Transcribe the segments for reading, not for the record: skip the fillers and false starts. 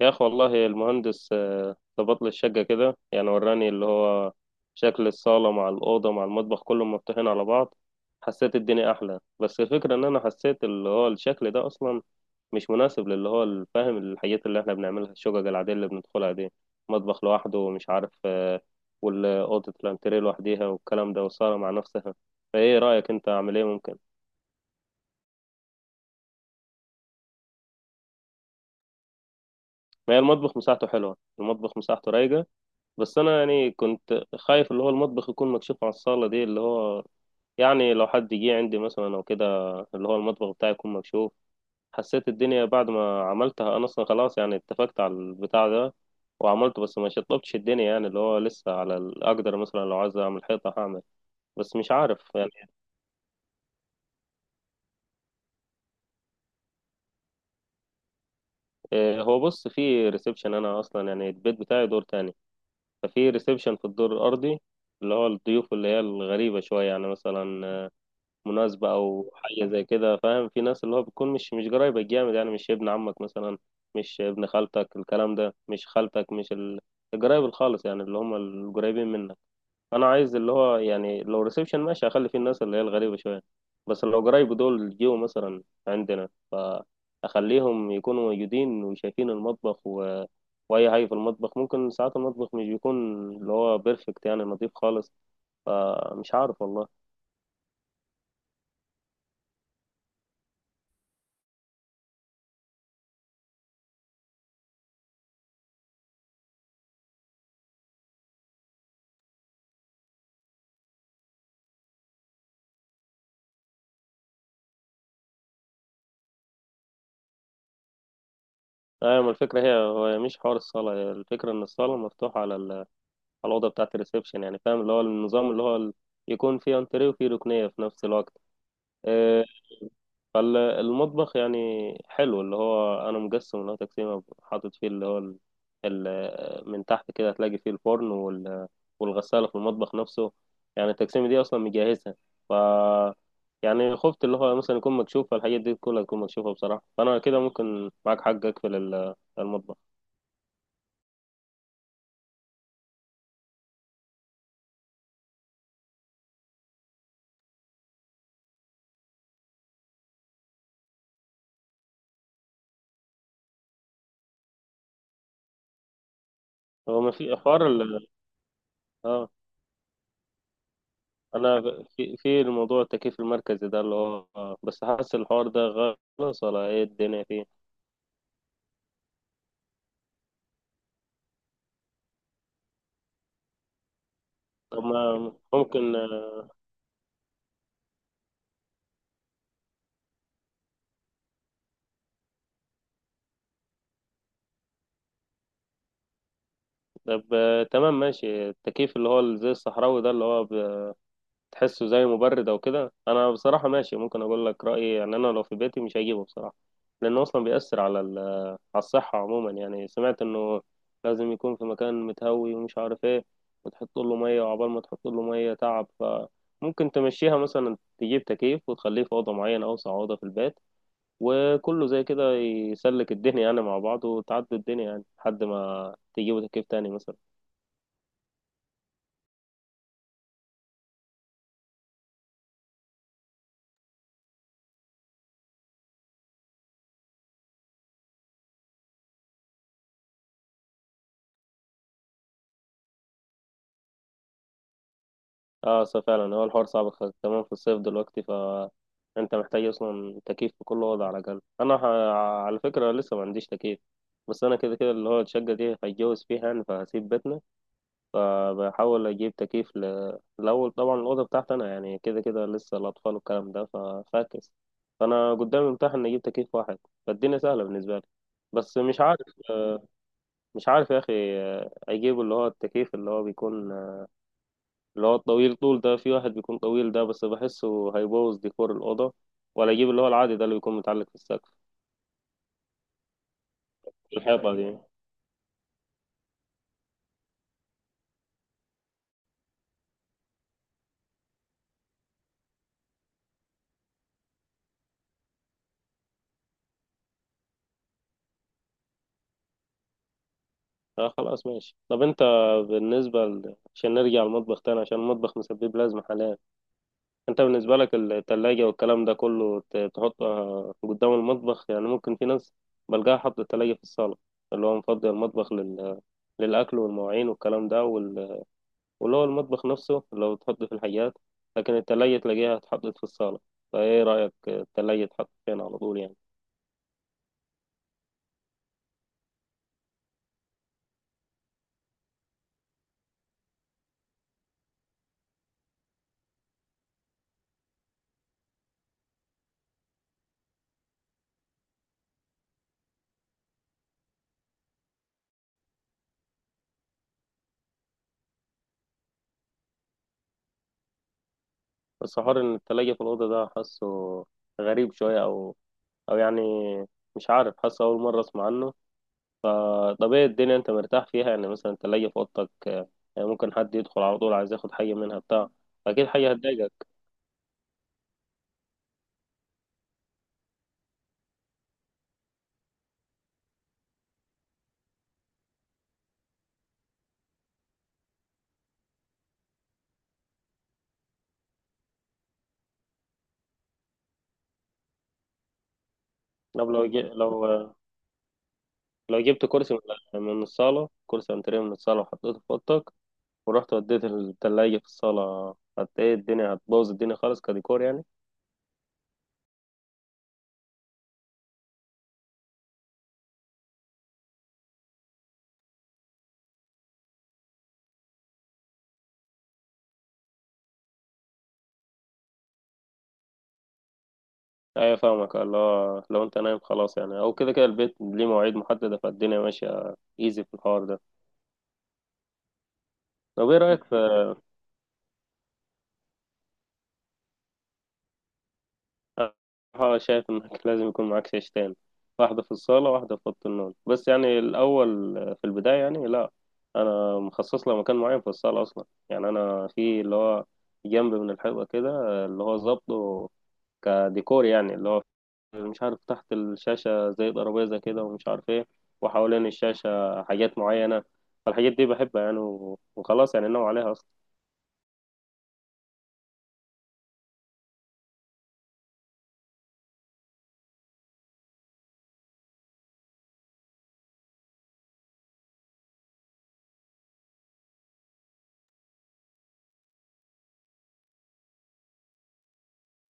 يا أخي والله المهندس ظبط لي الشقة كده، يعني وراني اللي هو شكل الصالة مع الأوضة مع المطبخ كلهم مفتوحين على بعض. حسيت الدنيا أحلى، بس الفكرة إن أنا حسيت اللي هو الشكل ده أصلا مش مناسب للي هو الفاهم الحاجات اللي إحنا بنعملها، الشقق العادية اللي بندخلها دي. مطبخ لوحده ومش عارف والأوضة الأنتريه لوحديها والكلام ده والصالة مع نفسها. فإيه رأيك أنت، أعمل إيه ممكن؟ ما هي المطبخ مساحته حلوة، المطبخ مساحته رايقة. بس انا يعني كنت خايف اللي هو المطبخ يكون مكشوف على الصالة دي، اللي هو يعني لو حد جه عندي مثلا او كده اللي هو المطبخ بتاعي يكون مكشوف. حسيت الدنيا بعد ما عملتها انا اصلا خلاص، يعني اتفقت على البتاع ده وعملته، بس ما شطبتش الدنيا، يعني اللي هو لسه على اقدر مثلا لو عايز اعمل حيطة هعمل. بس مش عارف يعني. إيه، هو بص، في ريسبشن، انا اصلا يعني البيت بتاعي دور تاني، ففي ريسبشن في الدور الارضي اللي هو الضيوف اللي هي الغريبة شوية، يعني مثلا مناسبة أو حاجة زي كده، فاهم، في ناس اللي هو بتكون مش قرايبك جامد، يعني مش ابن عمك مثلا، مش ابن خالتك، الكلام ده، مش خالتك، مش القرايب الخالص، يعني اللي هم القريبين منك. أنا عايز اللي هو يعني لو ريسبشن ماشي، أخلي فيه الناس اللي هي الغريبة شوية، بس لو قرايب دول جيوا مثلا عندنا، فأخليهم يكونوا موجودين وشايفين المطبخ وأي حاجة في المطبخ. ممكن ساعات المطبخ مش بيكون اللي هو بيرفكت، يعني نظيف خالص. فمش عارف والله. ايوه، ما الفكره هي هو مش حوار الصاله، هي الفكره ان الصاله مفتوحه على على الاوضه بتاعه الريسبشن، يعني فاهم اللي هو النظام اللي هو يكون فيه انتريه وفيه ركنيه في نفس الوقت. آه، فالمطبخ يعني حلو، اللي هو انا مقسم اللي هو تقسيمه، حاطط فيه اللي هو من تحت كده هتلاقي فيه الفرن والغساله في المطبخ نفسه، يعني التقسيمه دي اصلا مجهزها. ف يعني خفت اللي هو مثلا يكون مكشوف، فالحاجات دي كلها تكون مكشوفه بصراحه، فانا كده ممكن معاك حق اقفل المطبخ. هو ما في حوار ال، اه، انا في الموضوع التكييف المركزي ده اللي هو بس حاسس الحوار ده غلط، ولا ايه الدنيا فيه؟ طب ما ممكن. طب تمام، ماشي. التكييف اللي هو زي الصحراوي ده، اللي هو بتحسه زي مبرد او كده. انا بصراحة ماشي، ممكن اقول لك رأيي، يعني انا لو في بيتي مش هجيبه بصراحة، لانه اصلا بيأثر على على الصحة عموما، يعني سمعت انه لازم يكون في مكان متهوي ومش عارف ايه، وتحط له مية، وعقبال ما تحط له مية تعب. فممكن تمشيها مثلا، تجيب تكييف وتخليه في أوضة معينة، أوسع أوضة في البيت، وكله زي كده يسلك الدنيا يعني مع بعض، وتعدي الدنيا يعني لحد ما تجيبوا تكييف تاني مثلا. اه صح فعلا، هو الحوار صعب، كمان في الصيف دلوقتي، فانت محتاج اصلا تكييف في كل وضع على الاقل. انا على فكره لسه ما عنديش تكييف، بس انا كده كده اللي هو الشقه دي هيتجوز فيها يعني، فهسيب بيتنا، فبحاول اجيب تكييف الاول طبعا الاوضه بتاعتي انا، يعني كده كده لسه الاطفال والكلام ده ففاكس، فانا قدامي متاح ان اجيب تكييف واحد، فالدنيا سهله بالنسبه لي. بس مش عارف، مش عارف يا اخي، اجيب اللي هو التكييف اللي هو بيكون اللي هو الطويل طول ده، في واحد بيكون طويل ده بس بحسه هيبوظ ديكور الأوضة، ولا أجيب اللي هو العادي ده اللي بيكون متعلق في السقف، الحيطة دي. اه خلاص ماشي. طب انت بالنسبة عشان نرجع المطبخ تاني، عشان المطبخ مسبب لازمة حاليا، انت بالنسبة لك التلاجة والكلام ده كله، تحطها قدام المطبخ يعني؟ ممكن في ناس بلقاها حاطة التلاجة في الصالة، اللي هو مفضي المطبخ للأكل والمواعين والكلام ده واللي هو المطبخ نفسه لو تحط في الحاجات، لكن التلاجة تلاقيها اتحطت في الصالة. فايه رأيك التلاجة تحط فين على طول يعني؟ بس حوار ان التلاجة في الأوضة ده، حاسه غريب شوية، او او يعني مش عارف، حاسه أول مرة أسمع عنه. طب ايه الدنيا انت مرتاح فيها يعني، مثلا التلاجة في أوضتك يعني ممكن حد يدخل على طول عايز ياخد حاجة منها بتاع، أكيد حاجة هتضايقك. طب لو لو جبت كرسي، من الصالة، كرسي أنتريه من الصالة، وحطيته في أوضتك، ورحت وديت التلاجة في الصالة، قد ايه الدنيا هتبوظ، الدنيا خالص كديكور يعني؟ ايوه فاهمك، اللي هو لو انت نايم خلاص يعني، او كده كده البيت ليه مواعيد محددة، فالدنيا ماشية ايزي في الحوار ده. طب ايه رأيك في، بصراحة شايف انك لازم يكون معاك شاشتين، واحدة في الصالة واحدة في أوضة النوم، بس يعني الأول، في البداية يعني لا، أنا مخصص له مكان معين في الصالة أصلا، يعني أنا في اللي هو جنب من الحيطة كده، اللي هو ظابطه كديكور يعني، اللي هو مش عارف، تحت الشاشة زي ترابيزة كده ومش عارف ايه، وحوالين الشاشة حاجات معينة، فالحاجات دي بحبها يعني، وخلاص يعني ناوي عليها أصلا.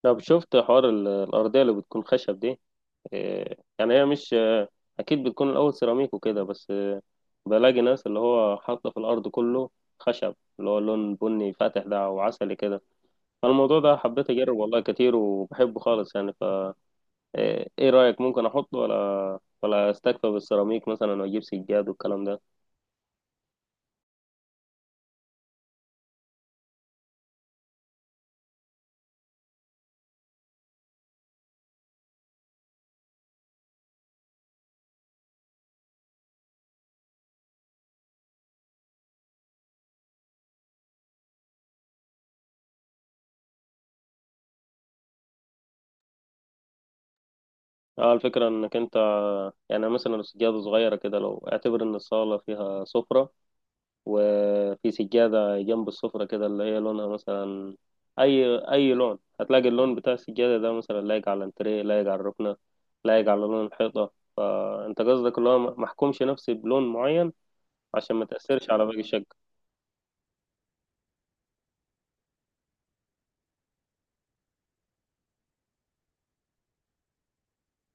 طب شفت حوار الأرضية اللي بتكون خشب دي؟ إيه، يعني هي مش، أكيد بتكون الأول سيراميك وكده، بس بلاقي ناس اللي هو حاطة في الأرض كله خشب، اللي هو اللون بني فاتح ده أو عسلي كده. فالموضوع ده حبيت أجرب والله كتير، وبحبه خالص يعني. ايه، إيه رأيك، ممكن احط؟ ولا استكفى بالسيراميك مثلا واجيب سجاد والكلام ده؟ اه، الفكرة انك انت يعني مثلا السجادة صغيرة كده، لو اعتبر ان الصالة فيها سفرة، وفي سجادة جنب السفرة كده اللي هي لونها مثلا اي اي لون، هتلاقي اللون بتاع السجادة ده مثلا لايق على الانتريه، لايق على الركنة، لايق على لون الحيطة. فانت قصدك اللي هو محكومش نفسي بلون معين عشان ما تأثرش على باقي الشقة.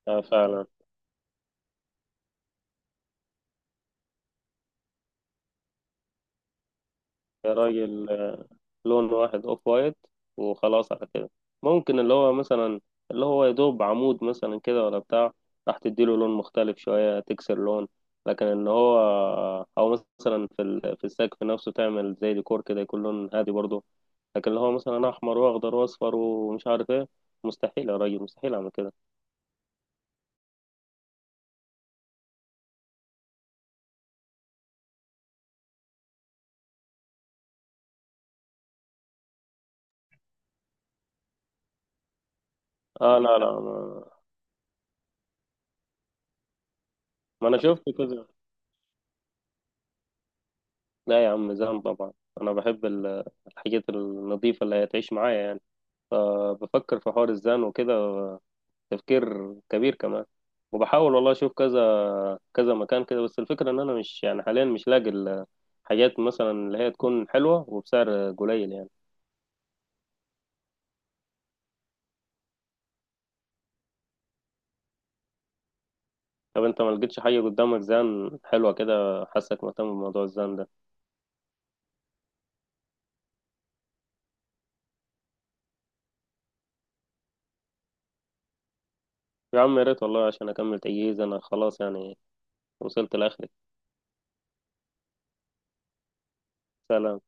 آه فعلا. يا راجل، لون واحد اوف وايت وخلاص على كده. ممكن اللي هو مثلا اللي هو يدوب عمود مثلا كده ولا بتاع، راح تديله لون مختلف شوية تكسر لون، لكن ان هو او مثلا في في السقف نفسه تعمل زي ديكور كده، يكون لون هادي برضه، لكن اللي هو مثلا احمر واخضر واصفر ومش عارف ايه، مستحيل يا راجل، مستحيل اعمل كده. اه لا لا ما انا شفت كده. لا يا عم، زين طبعا، انا بحب الحاجات النظيفة اللي هتعيش معايا يعني، فبفكر في حوار الزان وكده تفكير كبير كمان، وبحاول والله اشوف كذا كذا مكان كده، بس الفكره ان انا مش يعني حاليا مش لاقي الحاجات مثلا اللي هي تكون حلوه وبسعر قليل يعني. طب انت ما لقيتش حاجه قدامك زان حلوه كده؟ حاسك مهتم بموضوع الزان ده. يا عم يا ريت والله، عشان اكمل تجهيز انا خلاص يعني، وصلت لاخري. سلام.